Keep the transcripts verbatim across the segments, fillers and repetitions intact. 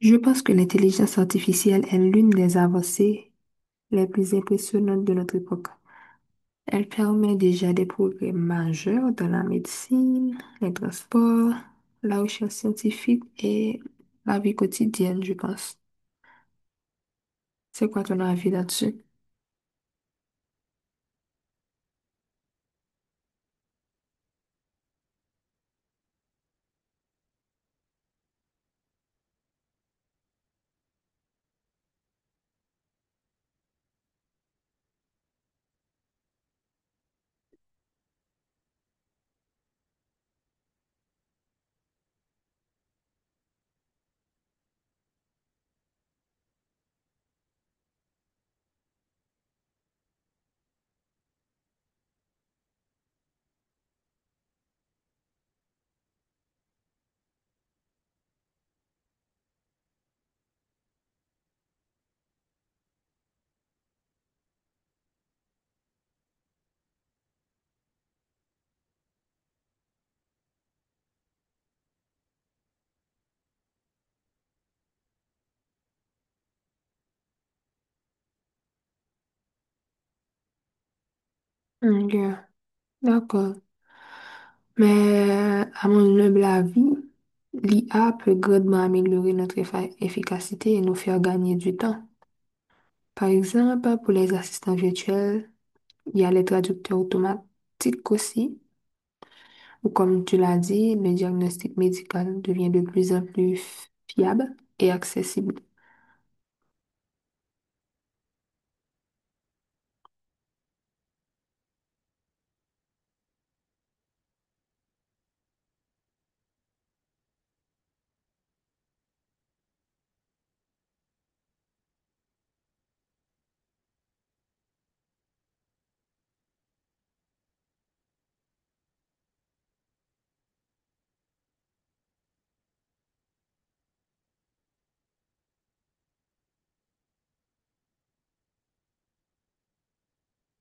Je pense que l'intelligence artificielle est l'une des avancées les plus impressionnantes de notre époque. Elle permet déjà des progrès majeurs dans la médecine, les transports, la recherche scientifique et la vie quotidienne, je pense. C'est quoi ton avis là-dessus? Ok, d'accord. Mais à mon humble avis, l'I A peut grandement améliorer notre effa- efficacité et nous faire gagner du temps. Par exemple, pour les assistants virtuels, il y a les traducteurs automatiques aussi. Ou comme tu l'as dit, le diagnostic médical devient de plus en plus fiable et accessible.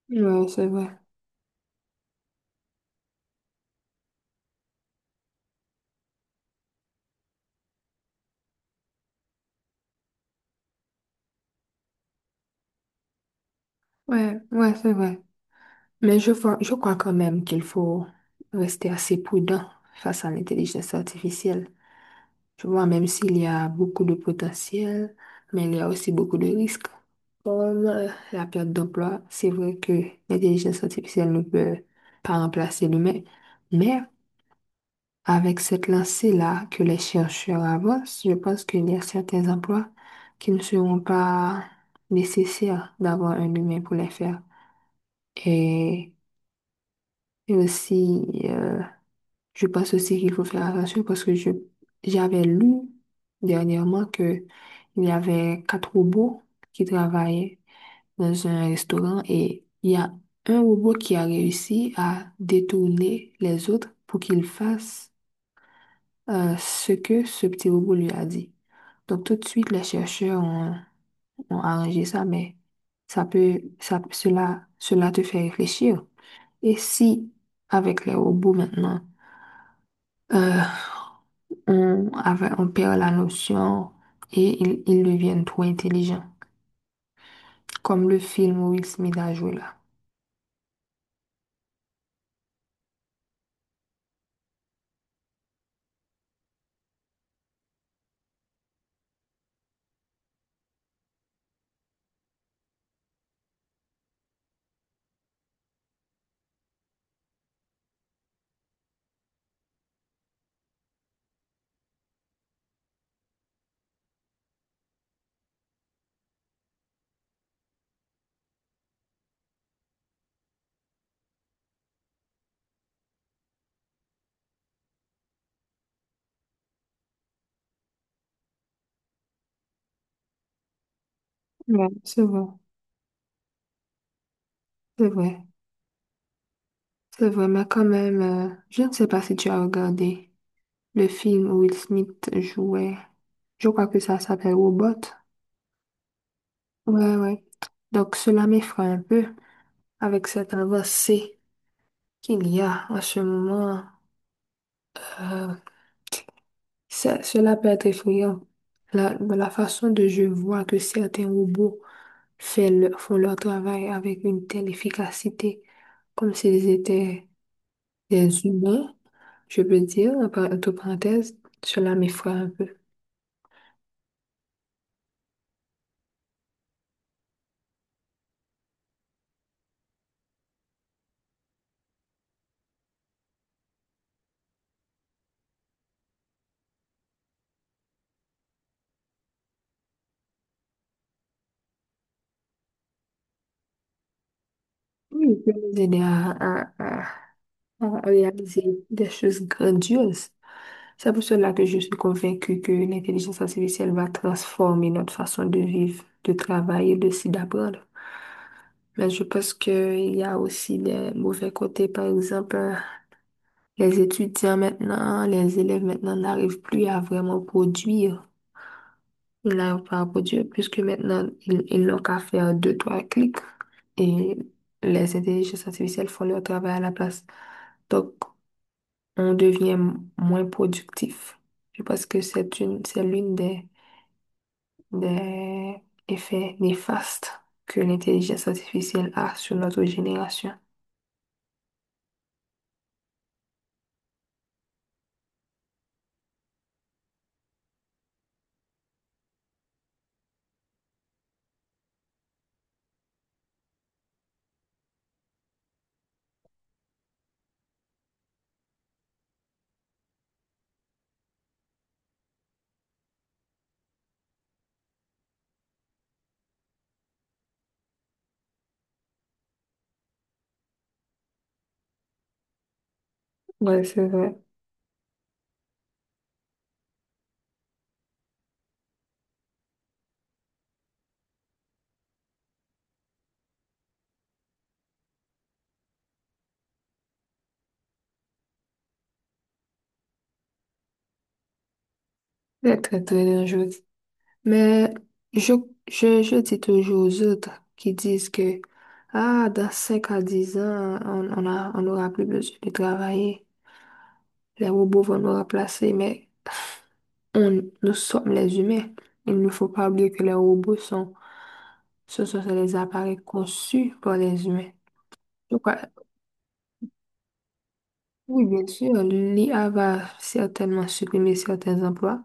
Ouais, c'est vrai. Ouais, ouais, c'est vrai. Mais je, vois- je crois quand même qu'il faut rester assez prudent face à l'intelligence artificielle. Je vois, même s'il y a beaucoup de potentiel, mais il y a aussi beaucoup de risques. Comme euh, la perte d'emploi, c'est vrai que l'intelligence artificielle ne peut pas remplacer l'humain, mais avec cette lancée-là que les chercheurs avancent, je pense qu'il y a certains emplois qui ne seront pas nécessaires d'avoir un humain pour les faire. Et, et aussi, euh, je pense aussi qu'il faut faire attention parce que je, j'avais lu dernièrement que il y avait quatre robots qui travaillaient dans un restaurant et il y a un robot qui a réussi à détourner les autres pour qu'ils fassent euh, ce que ce petit robot lui a dit. Donc tout de suite, les chercheurs ont, ont arrangé ça, mais ça peut, ça, cela, cela te fait réfléchir. Et si, avec les robots maintenant, euh, on, avait- on perd la notion et ils, ils deviennent trop intelligents, comme le film où Will Smith a joué là. Ouais, c'est vrai, c'est vrai, c'est vrai, mais quand même, euh, je ne sais pas si tu as regardé le film où Will Smith jouait, je crois que ça s'appelle Robot. Ouais, ouais. Donc cela m'effraie un peu avec cette avancée qu'il y a en ce moment. Euh, ça- cela peut être effrayant. La, de la façon dont je vois que certains robots fait le- font leur travail avec une telle efficacité, comme s'ils étaient des humains, je peux dire, entre entre parenthèses, cela m'effraie un peu. Oui, je peux nous aider à, à- à- à réaliser des choses grandioses. C'est pour cela que je suis convaincue que l'intelligence artificielle va transformer notre façon de vivre, de travailler, de s'y d'apprendre. Mais je pense qu'il y a aussi des mauvais côtés. Par exemple, euh, les étudiants maintenant, les élèves maintenant n'arrivent plus à vraiment produire. Ils n'arrivent pas à produire puisque maintenant, ils, ils n'ont qu'à faire deux, trois clics et les intelligences artificielles font leur travail à la place. Donc, on devient moins productif. Je pense que c'est une, c'est l'une des des effets néfastes que l'intelligence artificielle a sur notre génération. Ouais, c'est vrai. C'est très, très dangereux. Mais je, je, je dis toujours aux autres qui disent que, ah, dans cinq à dix ans, on, on a, on n'aura plus besoin de travailler. Les robots vont nous remplacer, mais on, nous sommes les humains. Il ne faut pas oublier que les robots sont, ce sont les appareils conçus par les humains. Donc, oui, bien sûr, l'I A va certainement supprimer certains emplois,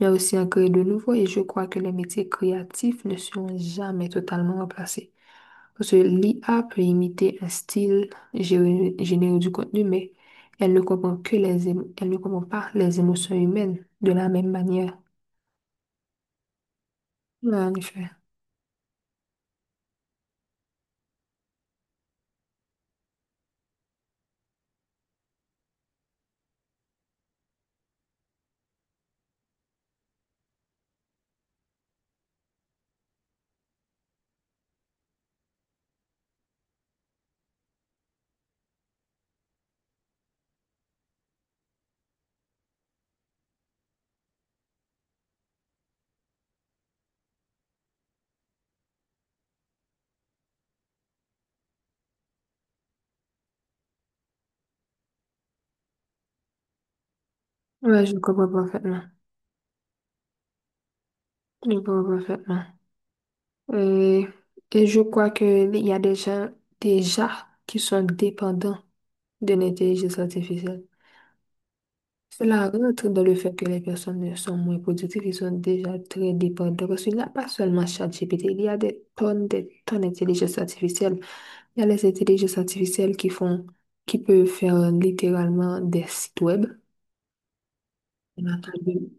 mais aussi en créer de nouveaux et je crois que les métiers créatifs ne seront jamais totalement remplacés. Parce que l'I A peut imiter un style, gé- générer du contenu, mais elle ne comprend que les émo- elle ne comprend pas les émotions humaines de la même manière. Ouais, en effet. Ouais, je comprends parfaitement. Je comprends parfaitement. Et, et je crois que il y a des gens déjà qui sont dépendants d'une intelligence artificielle. Cela rentre dans le fait que les personnes sont moins productives, ils sont déjà très dépendants. Parce qu'il n'y a pas seulement ChatGPT, il y a des tonnes, des tonnes d'intelligence artificielle. Il y a les intelligences artificielles qui font, qui peuvent faire littéralement des sites web. On a pas dit.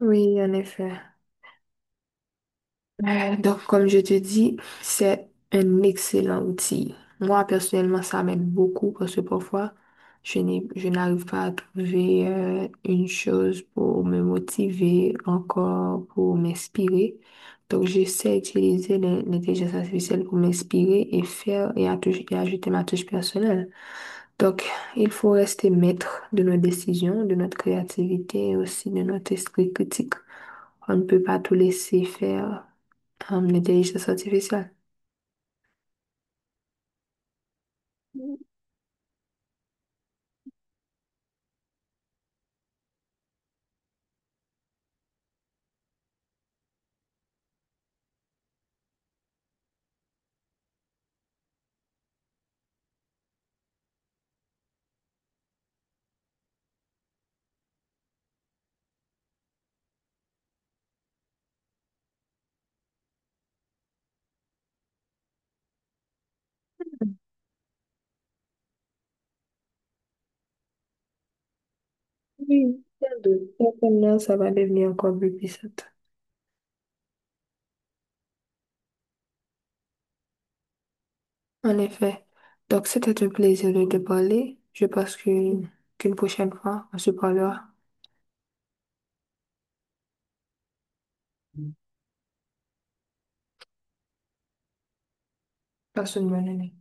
Oui, en effet. Euh, Donc, comme je te dis, c'est un excellent outil. Moi, personnellement, ça m'aide beaucoup parce que parfois, je n'ai, je n'arrive pas à trouver euh, une chose pour me motiver, encore pour m'inspirer. Donc, j'essaie d'utiliser l'in- l'intelligence artificielle pour m'inspirer et faire et attou- et ajouter ma touche personnelle. Donc, il faut rester maître de nos décisions, de notre créativité et aussi de notre esprit critique. On ne peut pas tout laisser faire Hum, l'intelligence artificielle. Oui, celle de certainement, ça va devenir encore plus puissante. En effet. Donc, c'était un plaisir de te parler. Je pense que- qu'une prochaine fois, on se parlera. Passe une bonne année.